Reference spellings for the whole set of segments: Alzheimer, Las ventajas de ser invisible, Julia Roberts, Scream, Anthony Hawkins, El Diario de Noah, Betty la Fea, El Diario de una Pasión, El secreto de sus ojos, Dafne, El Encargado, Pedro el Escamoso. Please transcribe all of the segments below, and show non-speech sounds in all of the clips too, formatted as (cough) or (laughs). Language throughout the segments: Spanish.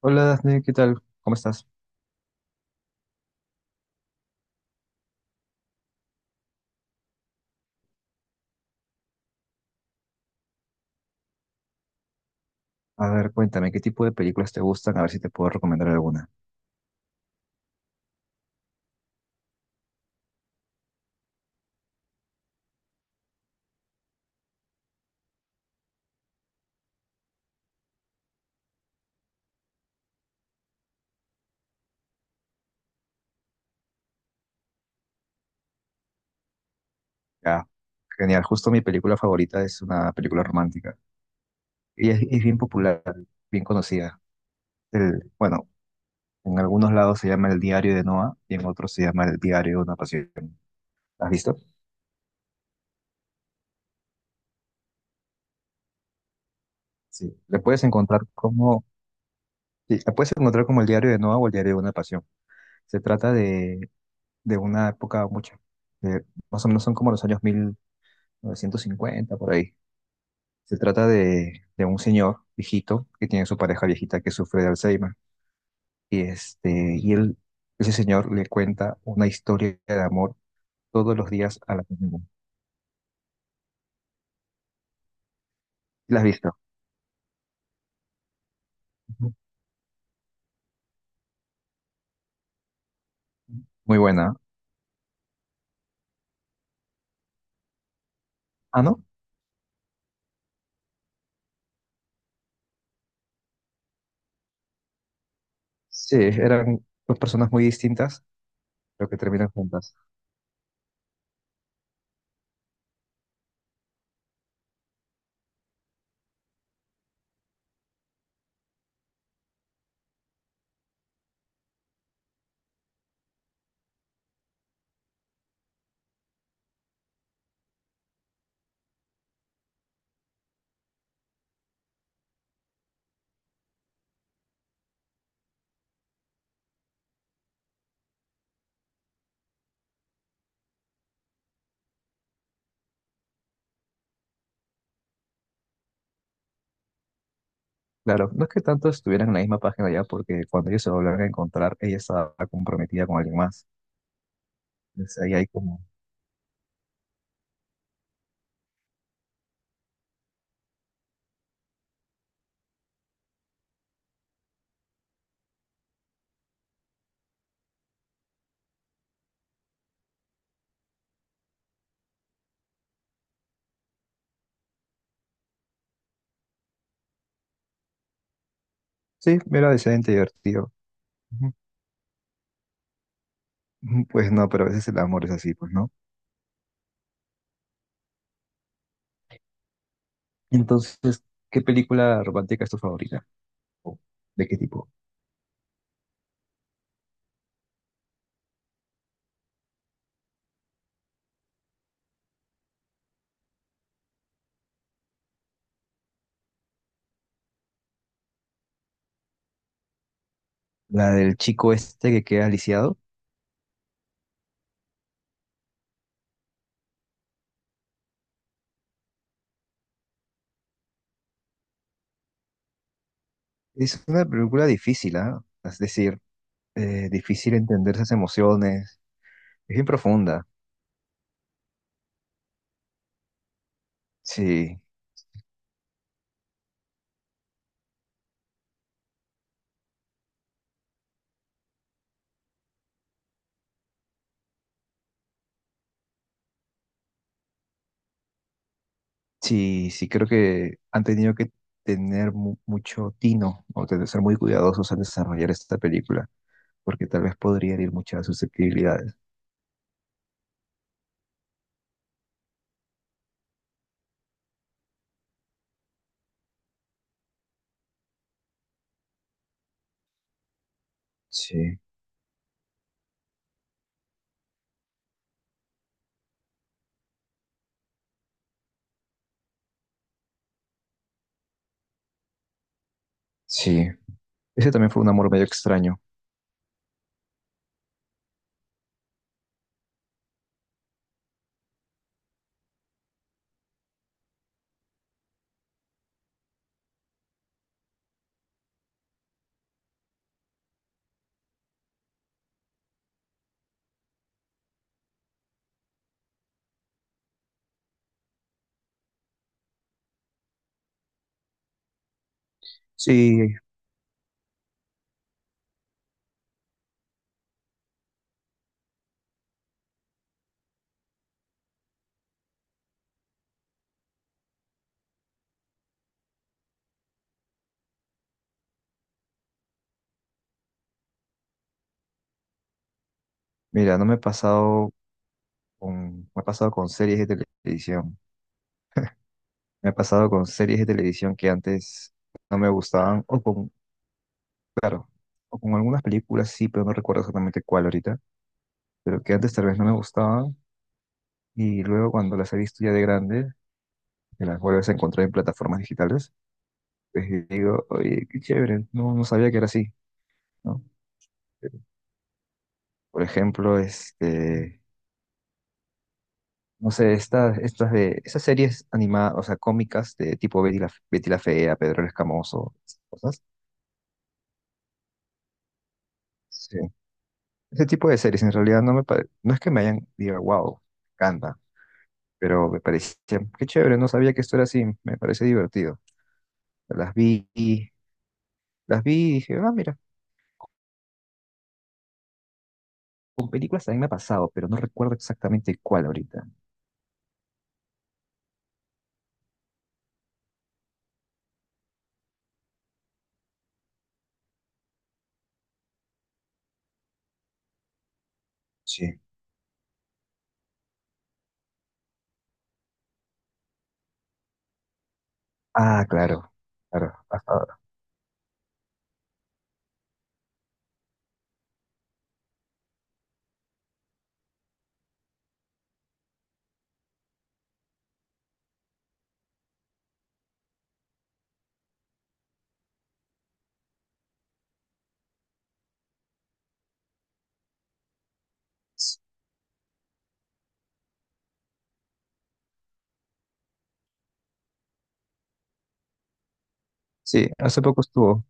Hola Dafne, ¿qué tal? ¿Cómo estás? A ver, cuéntame, ¿qué tipo de películas te gustan? A ver si te puedo recomendar alguna. Ya, genial. Justo mi película favorita es una película romántica. Y es bien popular, bien conocida. Bueno, en algunos lados se llama El Diario de Noah y en otros se llama El Diario de una Pasión. ¿La ¿Has visto? Sí. Le puedes encontrar como, sí, la puedes encontrar como El Diario de Noah o El Diario de una Pasión. Se trata de una época mucho, de- más o menos son como los años 1950 por ahí. Se trata de un señor viejito que tiene su pareja viejita que sufre de Alzheimer. Y, este, y él, ese señor le cuenta una historia de amor todos los días a la misma. ¿La has visto? Ujú. Muy buena. Ah, ¿no? Sí, eran dos personas muy distintas, pero que terminan juntas. Claro, no es que tanto estuvieran en la misma página ya, porque cuando ellos se volvieron a encontrar, ella estaba comprometida con alguien más. Entonces ahí hay como... Sí, era decente, divertido. Ujú. Ujú, pues no, pero a veces el amor es así, pues, ¿no? Entonces, ¿qué película romántica es tu favorita? ¿O ¿De qué tipo? La del chico este que queda lisiado. Es una película difícil, ¿ah? Es decir, difícil entender esas emociones. Es bien profunda. Sí, sí, sí, creo que han tenido que tener mucho tino o tener, ser muy cuidadosos al desarrollar esta película, porque tal vez podría herir muchas susceptibilidades. Sí, sí. Ese también fue un amor medio extraño. Sí, mira, no me he pasado con- me ha pasado con series de televisión. Me ha pasado con series de televisión que antes no me gustaban, o con, claro, o con algunas películas sí, pero no recuerdo exactamente cuál ahorita, pero que antes tal vez no me gustaban, y luego cuando las he visto ya de grande, que las vuelves a encontrar en plataformas digitales, pues digo, oye, qué chévere, no, no sabía que era así, ¿no? Pero, por ejemplo, este, no sé, esas series animadas, o sea, cómicas de tipo Betty la Fea, Pedro el Escamoso, esas cosas. Ese tipo de series en realidad no es que me hayan diga, wow, canta, pero me parecía, qué chévere, no sabía que esto era así, me parece divertido. Las vi, y- las vi y dije, ah, mira, con películas también me ha pasado, pero no recuerdo exactamente cuál ahorita. Sí. Ah, claro, claro, hasta ahora. S- Sí, hace poco estuvo.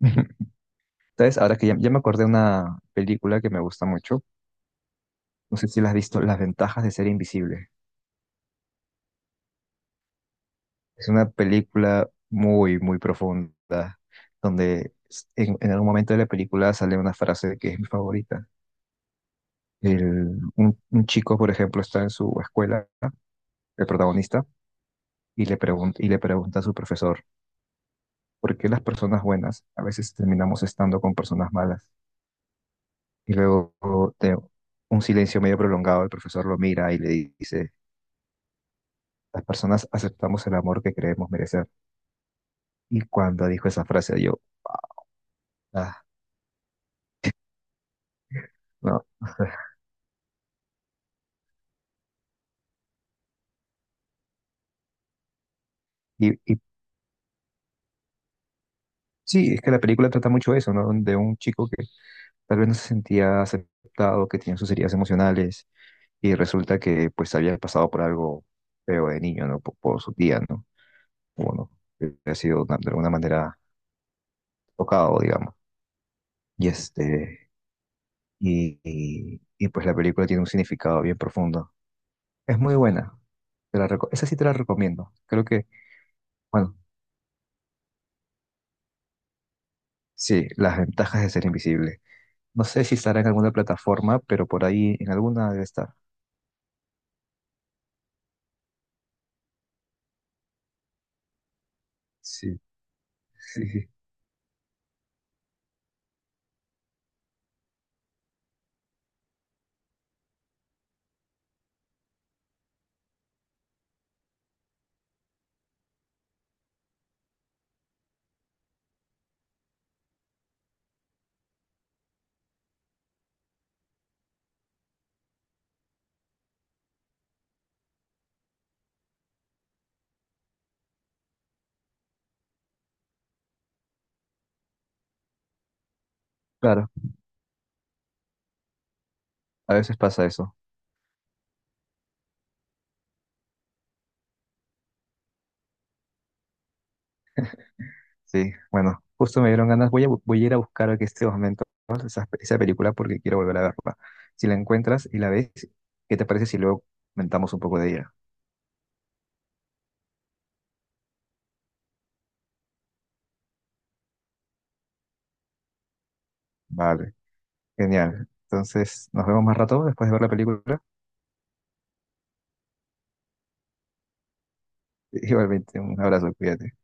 (laughs) ¿Sabes? Ahora que ya me acordé de una película que me gusta mucho, no sé si la has visto, Las ventajas de ser invisible. Es una película muy, muy profunda, donde en, algún momento de la película sale una frase que es mi favorita. Un chico, por ejemplo, está en su escuela, el protagonista, y y le pregunta a su profesor, ¿por qué las personas buenas a veces terminamos estando con personas malas? Y luego, de un silencio medio prolongado, el profesor lo mira y le dice, las personas aceptamos el amor que creemos merecer. Y cuando dijo esa frase, yo, ah, no. (laughs) Y sí, es que la película trata mucho eso, ¿no? De un chico que tal vez no se sentía aceptado, que tenía sus heridas emocionales y resulta que pues había pasado por algo feo de niño, ¿no? Por su tía, ¿no? Bueno, que ha sido de alguna manera tocado, digamos. Y este, pues la película tiene un significado bien profundo. Es muy buena. Esa sí te la recomiendo. Creo que, bueno, sí, las ventajas de ser invisible. No sé si estará en alguna plataforma, pero por ahí en alguna debe estar. Sí. Sí, sí, claro, a veces pasa eso. Sí, bueno, justo me dieron ganas. Voy a ir a buscar aquí este momento, ¿no? Esa película porque quiero volver a verla. Si la encuentras y la ves, ¿qué te parece si luego comentamos un poco de ella? Vale, genial. Entonces, nos vemos más rato después de ver la película. (laughs) Igualmente, un abrazo, cuídate.